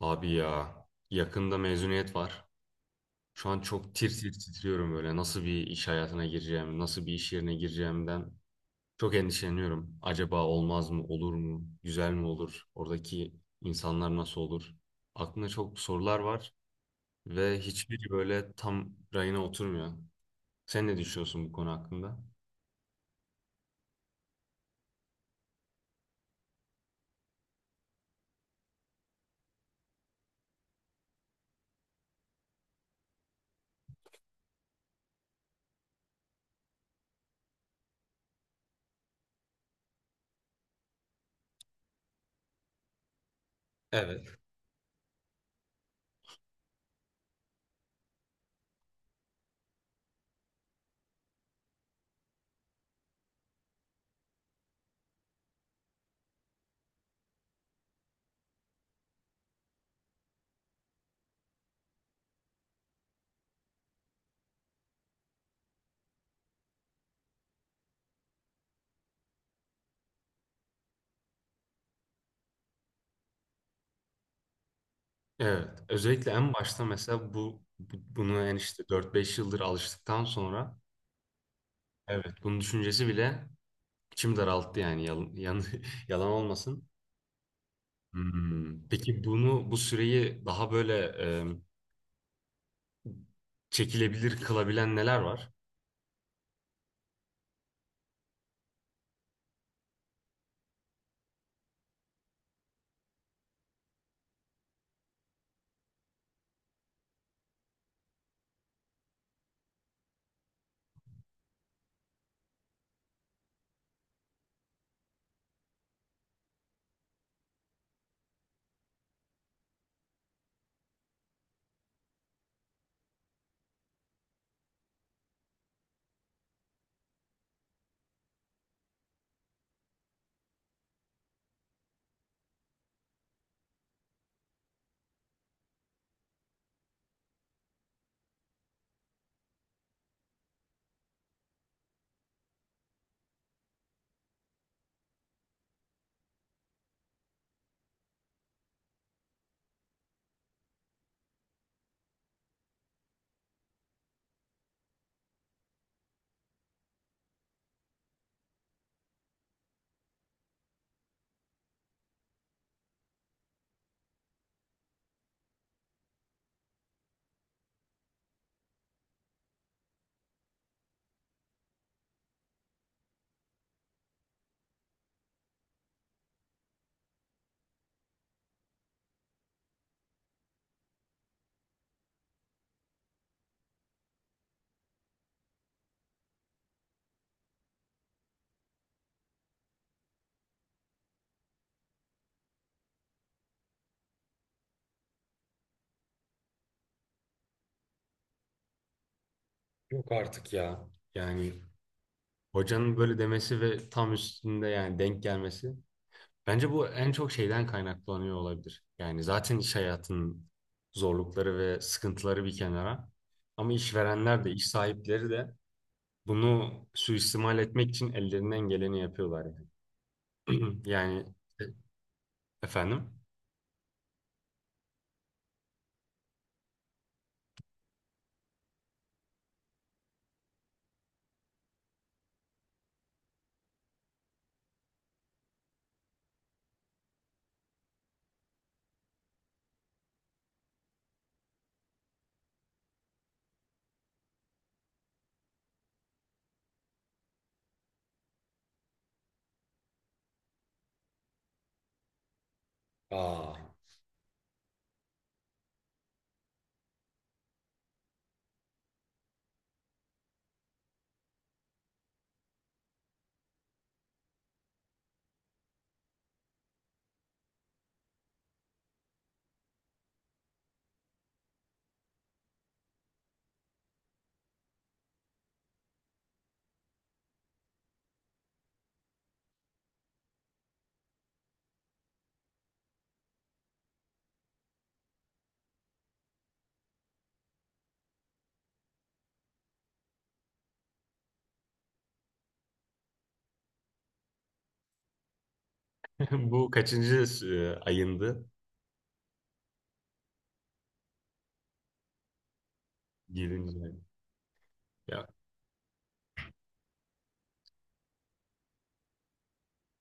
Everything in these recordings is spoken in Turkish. Abi ya, yakında mezuniyet var. Şu an çok tir tir titriyorum böyle. Nasıl bir iş hayatına gireceğim, nasıl bir iş yerine gireceğimden çok endişeleniyorum. Acaba olmaz mı, olur mu, güzel mi olur, oradaki insanlar nasıl olur? Aklımda çok sorular var ve hiçbiri böyle tam rayına oturmuyor. Sen ne düşünüyorsun bu konu hakkında? Evet. Evet. Özellikle en başta mesela bunu en işte 4-5 yıldır alıştıktan sonra evet bunun düşüncesi bile İçim daralttı yani yalan, yalan olmasın. Peki bunu bu süreyi daha böyle e, çekilebilir kılabilen neler var? Yok artık ya. Yani hocanın böyle demesi ve tam üstünde yani denk gelmesi. Bence bu en çok şeyden kaynaklanıyor olabilir. Yani zaten iş hayatının zorlukları ve sıkıntıları bir kenara. Ama işverenler de, iş sahipleri de bunu suistimal etmek için ellerinden geleni yapıyorlar yani. Yani e, efendim? Aa. Bu kaçıncı ayındı? Yedinci ay. Ya,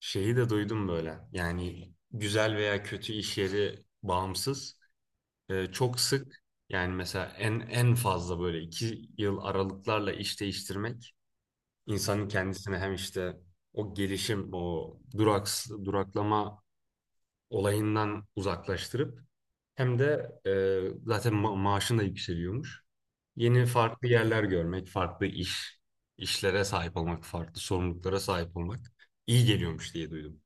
şeyi de duydum böyle. Yani güzel veya kötü iş yeri bağımsız. E, çok sık yani mesela en fazla böyle iki yıl aralıklarla iş değiştirmek insanın kendisini hem işte o gelişim, o duraks duraklama olayından uzaklaştırıp hem de zaten maaşın da yükseliyormuş. Yeni farklı yerler görmek, farklı iş, işlere sahip olmak, farklı sorumluluklara sahip olmak iyi geliyormuş diye duydum.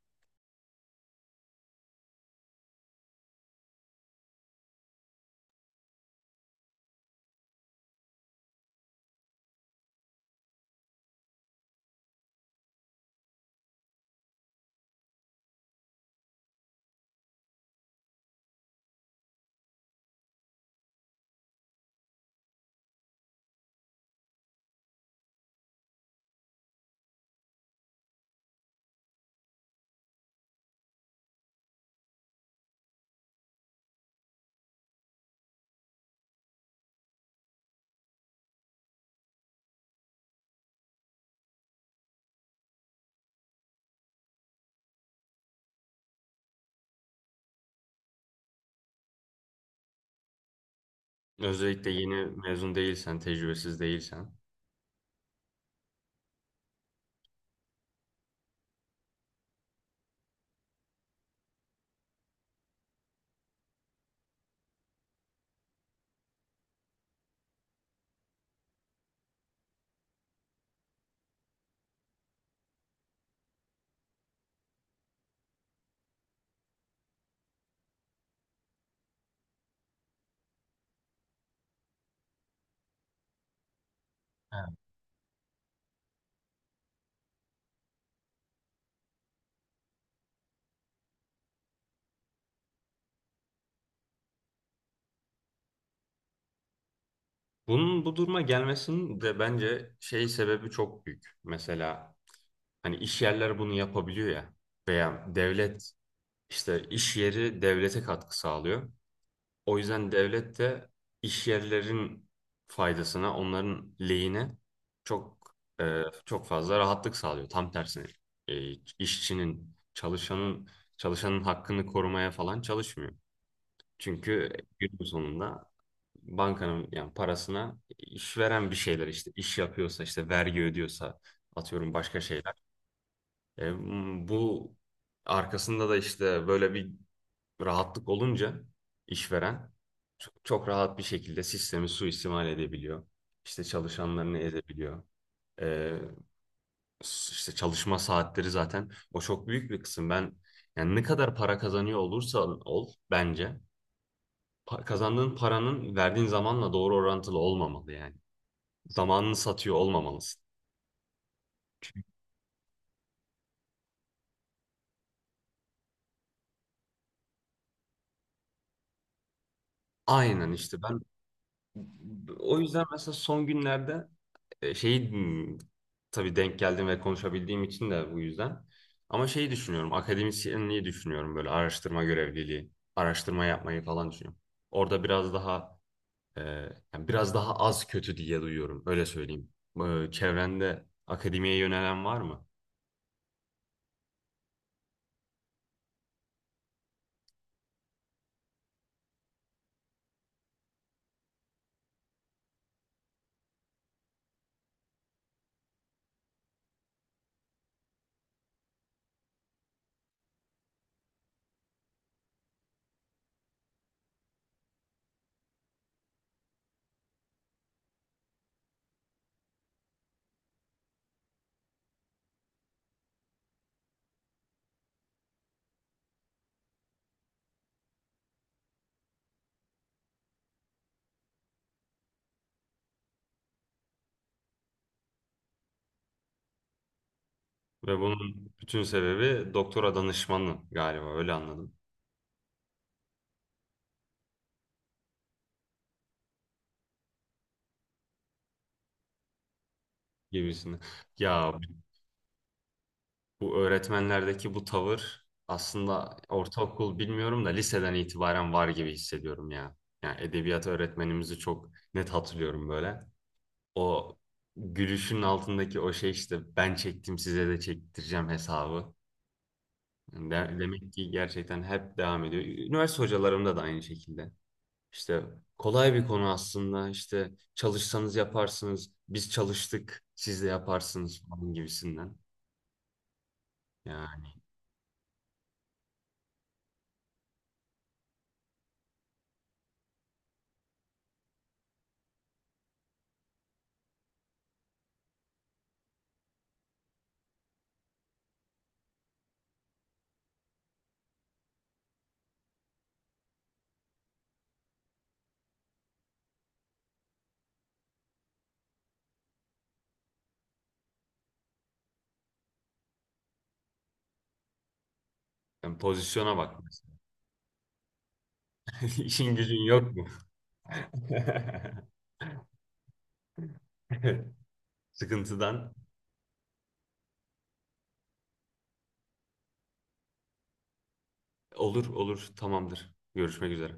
Özellikle yeni mezun değilsen, tecrübesiz değilsen. Evet. Bunun bu duruma gelmesinin de bence şey sebebi çok büyük. Mesela hani iş yerleri bunu yapabiliyor ya veya devlet işte iş yeri devlete katkı sağlıyor. O yüzden devlet de iş yerlerin faydasına, onların lehine çok çok fazla rahatlık sağlıyor. Tam tersine e, işçinin, çalışanın hakkını korumaya falan çalışmıyor. Çünkü günün sonunda bankanın yani parasına işveren bir şeyler işte iş yapıyorsa işte vergi ödüyorsa atıyorum başka şeyler. E, bu arkasında da işte böyle bir rahatlık olunca işveren çok rahat bir şekilde sistemi suistimal edebiliyor. İşte çalışanlarını ezebiliyor. Ee, işte çalışma saatleri zaten o çok büyük bir kısım. Ben yani ne kadar para kazanıyor olursa ol bence kazandığın paranın verdiğin zamanla doğru orantılı olmamalı yani. Zamanını satıyor olmamalısın. Aynen işte ben o yüzden mesela son günlerde e, şeyi hmm, tabii denk geldim ve konuşabildiğim için de bu yüzden. Ama şeyi düşünüyorum, akademisyenliği düşünüyorum böyle araştırma görevliliği, araştırma yapmayı falan düşünüyorum. Orada biraz daha e, yani biraz daha az kötü diye duyuyorum, öyle söyleyeyim. E, çevrende akademiye yönelen var mı? Ve bunun bütün sebebi doktora danışmanı galiba öyle anladım gibisini. Ya, bu öğretmenlerdeki bu tavır aslında ortaokul bilmiyorum da liseden itibaren var gibi hissediyorum ya. Yani edebiyat öğretmenimizi çok net hatırlıyorum böyle. O gülüşün altındaki o şey işte ben çektim size de çektireceğim hesabı. Yani demek ki gerçekten hep devam ediyor. Üniversite hocalarımda da aynı şekilde. İşte kolay bir konu aslında. İşte çalışsanız yaparsınız. Biz çalıştık, siz de yaparsınız falan gibisinden. Yani, yani pozisyona bak. İşin gücün yok mu? Sıkıntıdan. Olur olur, tamamdır. Görüşmek üzere.